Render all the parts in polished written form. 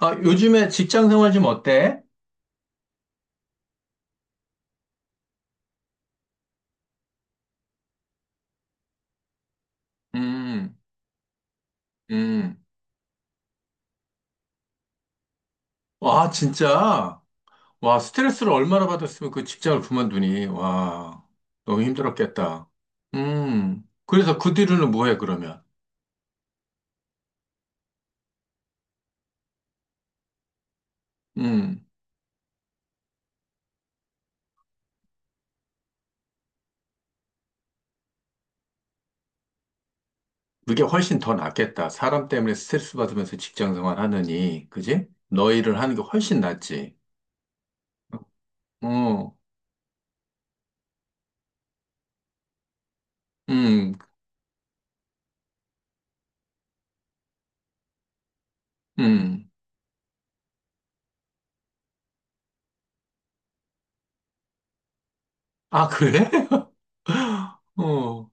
아, 요즘에 직장 생활 좀 어때? 음, 음. 와, 진짜. 와, 스트레스를 얼마나 받았으면 그 직장을 그만두니. 와, 너무 힘들었겠다. 음. 그래서 그 뒤로는 뭐해, 그러면? 음. 그게 훨씬 더 낫겠다. 사람 때문에 스트레스 받으면서 직장 생활 하느니. 그지? 너 일을 하는 게 훨씬 낫지. 어, 음, 음. 아, 그래? 어,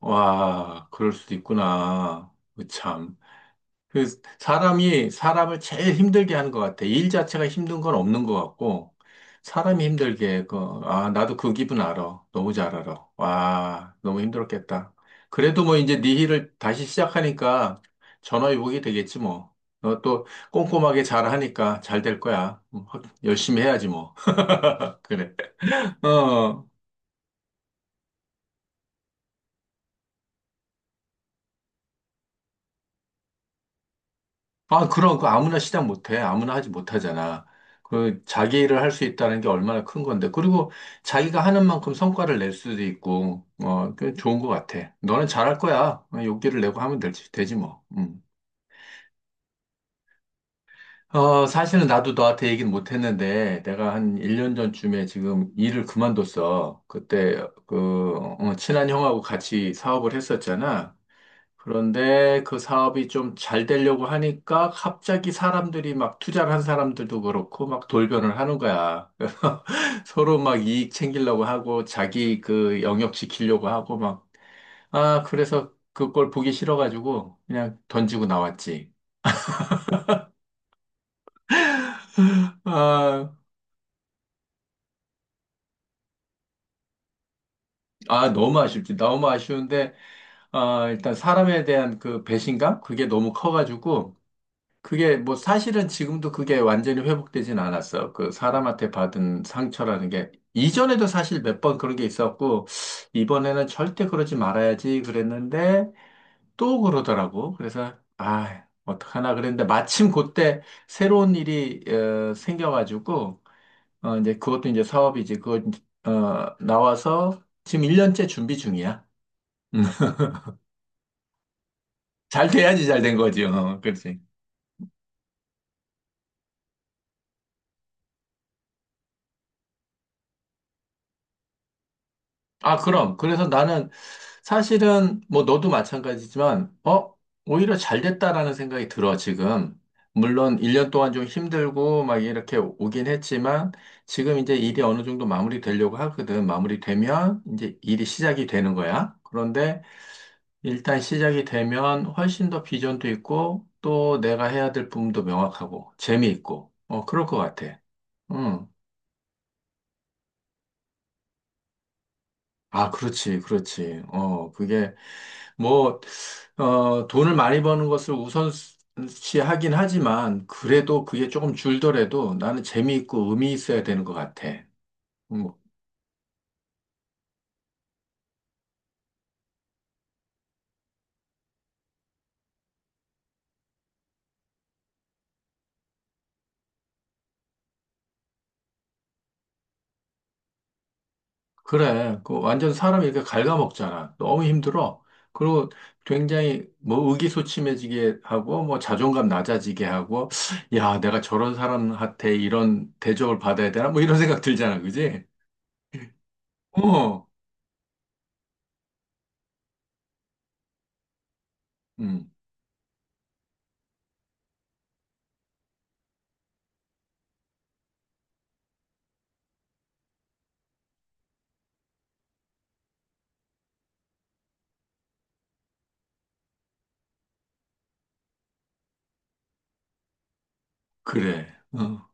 와, 그럴 수도 있구나. 그 참. 그 사람이 사람을 제일 힘들게 하는 것 같아. 일 자체가 힘든 건 없는 것 같고, 사람이 힘들게, 그, 아, 나도 그 기분 알아. 너무 잘 알아. 와, 너무 힘들었겠다. 그래도 뭐 이제 네 일을 다시 시작하니까 전화위복이 되겠지 뭐. 너 또 꼼꼼하게 잘 하니까 잘 될 거야. 확- 열심히 해야지 뭐. 그래. 어. 아, 그럼 그 아무나 시작 못해. 아무나 하지 못하잖아. 그 자기 일을 할 수 있다는 게 얼마나 큰 건데. 그리고 자기가 하는 만큼 성과를 낼 수도 있고, 어, 그 좋은 것 같아. 너는 잘 할 거야. 어, 용기를 내고 하면 되지 뭐. 음. 어, 사실은 나도 너한테 얘기는 못 했는데, 내가 한 1년 전쯤에 지금 일을 그만뒀어. 그때, 그, 어, 친한 형하고 같이 사업을 했었잖아. 그런데 그 사업이 좀 잘 되려고 하니까 갑자기 사람들이 막 투자를 한 사람들도 그렇고 막 돌변을 하는 거야. 그래서 서로 막 이익 챙기려고 하고 자기 그 영역 지키려고 하고 막, 아, 그래서 그걸 보기 싫어가지고 그냥 던지고 나왔지. 아, 아, 너무 아쉽지. 너무 아쉬운데, 아, 일단 사람에 대한 그 배신감? 그게 너무 커가지고 그게 뭐 사실은 지금도 그게 완전히 회복되진 않았어. 그 사람한테 받은 상처라는 게 이전에도 사실 몇 번 그런 게 있었고 이번에는 절대 그러지 말아야지 그랬는데 또 그러더라고. 그래서 아, 어떡하나 그랬는데 마침 그때 새로운 일이 어, 생겨가지고 어, 이제 그것도 이제 사업이지. 그거 이제, 어, 나와서 지금 1년째 준비 중이야. 음. 잘 돼야지 잘 된 거지. 어, 그렇지. 아, 그럼. 그래서 나는 사실은 뭐 너도 마찬가지지만, 어, 오히려 잘 됐다라는 생각이 들어, 지금. 물론 1년 동안 좀 힘들고 막 이렇게 오긴 했지만, 지금 이제 일이 어느 정도 마무리되려고 하거든. 마무리되면 이제 일이 시작이 되는 거야. 그런데 일단 시작이 되면 훨씬 더 비전도 있고, 또 내가 해야 될 부분도 명확하고, 재미있고, 어, 그럴 것 같아. 응. 아, 그렇지, 그렇지. 어, 그게 뭐, 어, 돈을 많이 버는 것을 우선시하긴 하지만, 그래도 그게 조금 줄더라도 나는 재미있고 의미 있어야 되는 것 같아. 음, 그래. 그 완전 사람이 이렇게 갉아먹잖아. 너무 힘들어. 그리고 굉장히 뭐 의기소침해지게 하고, 뭐 자존감 낮아지게 하고, 야, 내가 저런 사람한테 이런 대접을 받아야 되나? 뭐 이런 생각 들잖아. 그지? 어, 음, 그래. 어.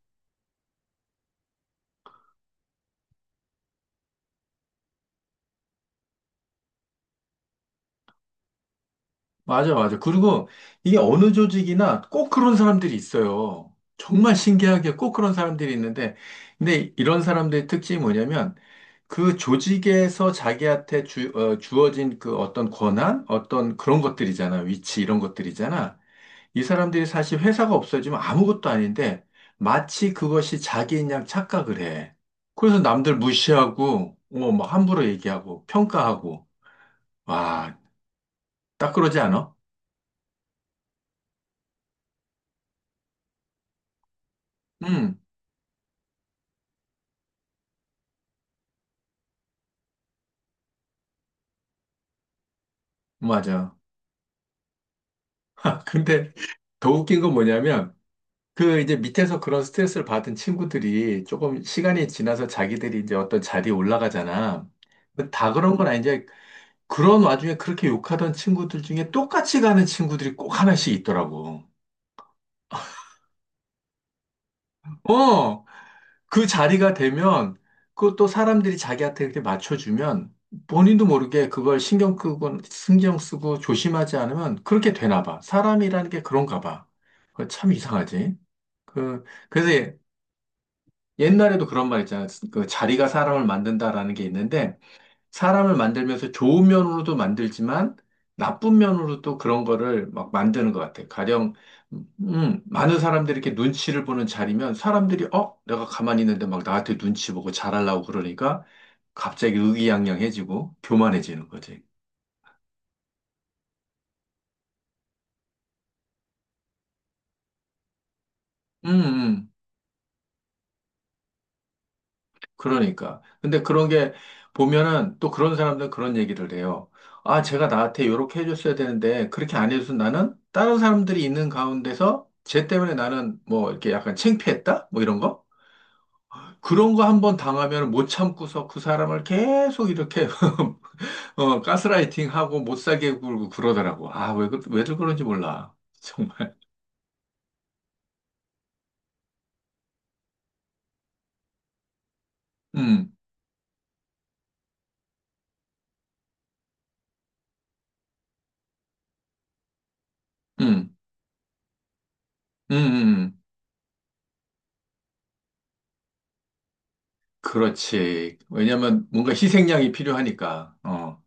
맞아, 맞아. 그리고 이게 어느 조직이나 꼭 그런 사람들이 있어요. 정말 신기하게 꼭 그런 사람들이 있는데, 근데 이런 사람들의 특징이 뭐냐면, 그 조직에서 자기한테 어, 주어진 그 어떤 권한, 어떤 그런 것들이잖아. 위치 이런 것들이잖아. 이 사람들이 사실 회사가 없어지면 아무것도 아닌데, 마치 그것이 자기인 양 착각을 해. 그래서 남들 무시하고, 뭐 함부로 얘기하고, 평가하고. 와, 딱 그러지 않아? 응, 맞아. 아, 근데 더 웃긴 건 뭐냐면, 그 이제 밑에서 그런 스트레스를 받은 친구들이 조금 시간이 지나서 자기들이 이제 어떤 자리에 올라가잖아. 근데 다 그런 건 아닌데, 그런 와중에 그렇게 욕하던 친구들 중에 똑같이 가는 친구들이 꼭 하나씩 있더라고. 어, 그 자리가 되면, 그것도 사람들이 자기한테 이렇게 맞춰주면, 본인도 모르게 그걸 신경 쓰고 조심하지 않으면 그렇게 되나 봐. 사람이라는 게 그런가 봐. 그거 참 이상하지. 그, 그래서 옛날에도 그런 말 있잖아요. 그 자리가 사람을 만든다라는 게 있는데, 사람을 만들면서 좋은 면으로도 만들지만, 나쁜 면으로도 그런 거를 막 만드는 것 같아요. 가령, 많은 사람들이 이렇게 눈치를 보는 자리면, 사람들이, 어? 내가 가만히 있는데 막 나한테 눈치 보고 잘하려고 그러니까, 갑자기 의기양양해지고, 교만해지는 거지. 음, 음. 그러니까. 근데 그런 게 보면은 또 그런 사람들은 그런 얘기를 해요. 아, 제가 나한테 요렇게 해줬어야 되는데 그렇게 안 해줘서 나는 다른 사람들이 있는 가운데서 쟤 때문에 나는 뭐 이렇게 약간 창피했다? 뭐 이런 거? 그런 거 한 번 당하면 못 참고서 그 사람을 계속 이렇게 어, 가스라이팅하고 못 살게 굴고 그러더라고. 아, 왜, 왜들 그런지 몰라. 정말. 음, 음, 음, 음. 음. 그렇지. 왜냐면 뭔가 희생양이 필요하니까. 어.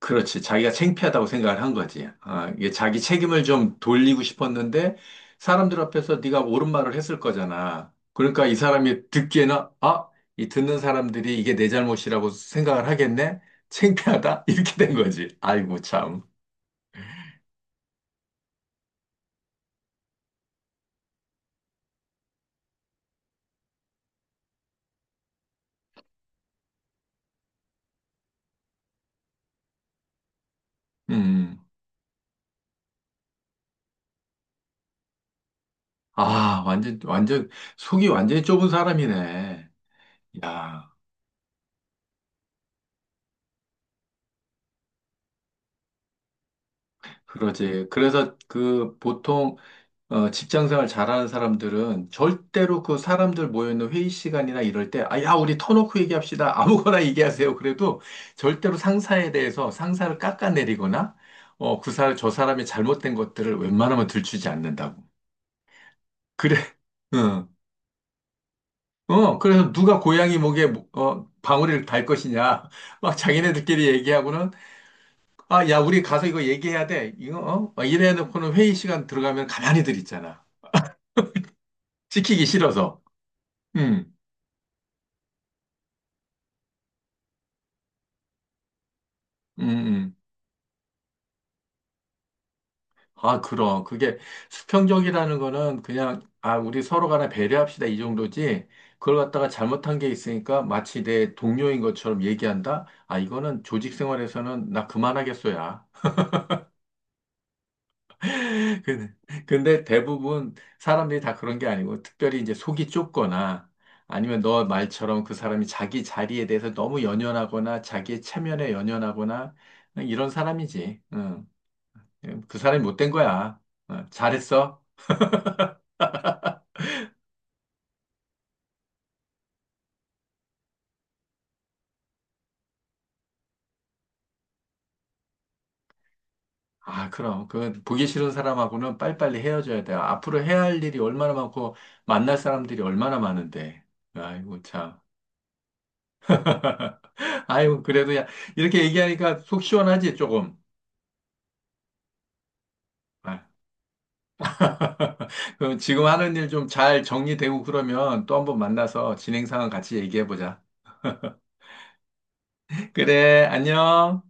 그렇지. 자기가 창피하다고 생각을 한 거지. 아, 이게 자기 책임을 좀 돌리고 싶었는데 사람들 앞에서 네가 옳은 말을 했을 거잖아. 그러니까 이 사람이 듣기에는 아, 이 듣는 사람들이 이게 내 잘못이라고 생각을 하겠네? 창피하다? 이렇게 된 거지. 아이고 참. 음. 아, 완전 속이 완전히 좁은 사람이네. 야, 그러지. 그래서 그 보통 어, 직장 생활 잘하는 사람들은 절대로 그 사람들 모여있는 회의 시간이나 이럴 때, 아, 야, 우리 터놓고 얘기합시다. 아무거나 얘기하세요. 그래도 절대로 상사에 대해서 상사를 깎아내리거나, 어, 그 저 사람이 잘못된 것들을 웬만하면 들추지 않는다고. 그래, 응. 어, 그래서 누가 고양이 목에, 어, 방울이를 달 것이냐. 막 자기네들끼리 얘기하고는, 아, 야, 우리 가서 이거 얘기해야 돼. 이거, 어? 막 이래 놓고는 회의 시간 들어가면 가만히들 있잖아. 찍히기 싫어서. 음, 음, 음. 아, 그럼. 그게 수평적이라는 거는 그냥, 아, 우리 서로 간에 배려합시다. 이 정도지. 그걸 갖다가 잘못한 게 있으니까 마치 내 동료인 것처럼 얘기한다? 아, 이거는 조직 생활에서는 나 그만하겠어야. 근데 근데 대부분 사람들이 다 그런 게 아니고, 특별히 이제 속이 좁거나, 아니면 너 말처럼 그 사람이 자기 자리에 대해서 너무 연연하거나, 자기의 체면에 연연하거나, 이런 사람이지. 응. 그 사람이 못된 거야. 어, 잘했어. 아, 그럼. 그, 보기 싫은 사람하고는 빨리빨리 헤어져야 돼요. 앞으로 해야 할 일이 얼마나 많고, 만날 사람들이 얼마나 많은데. 아이고, 참. 아이고, 그래도 야, 이렇게 얘기하니까 속 시원하지, 조금. 아, 그럼 지금 하는 일 좀 잘 정리되고 그러면 또 한번 만나서 진행 상황 같이 얘기해보자. 그래, 안녕.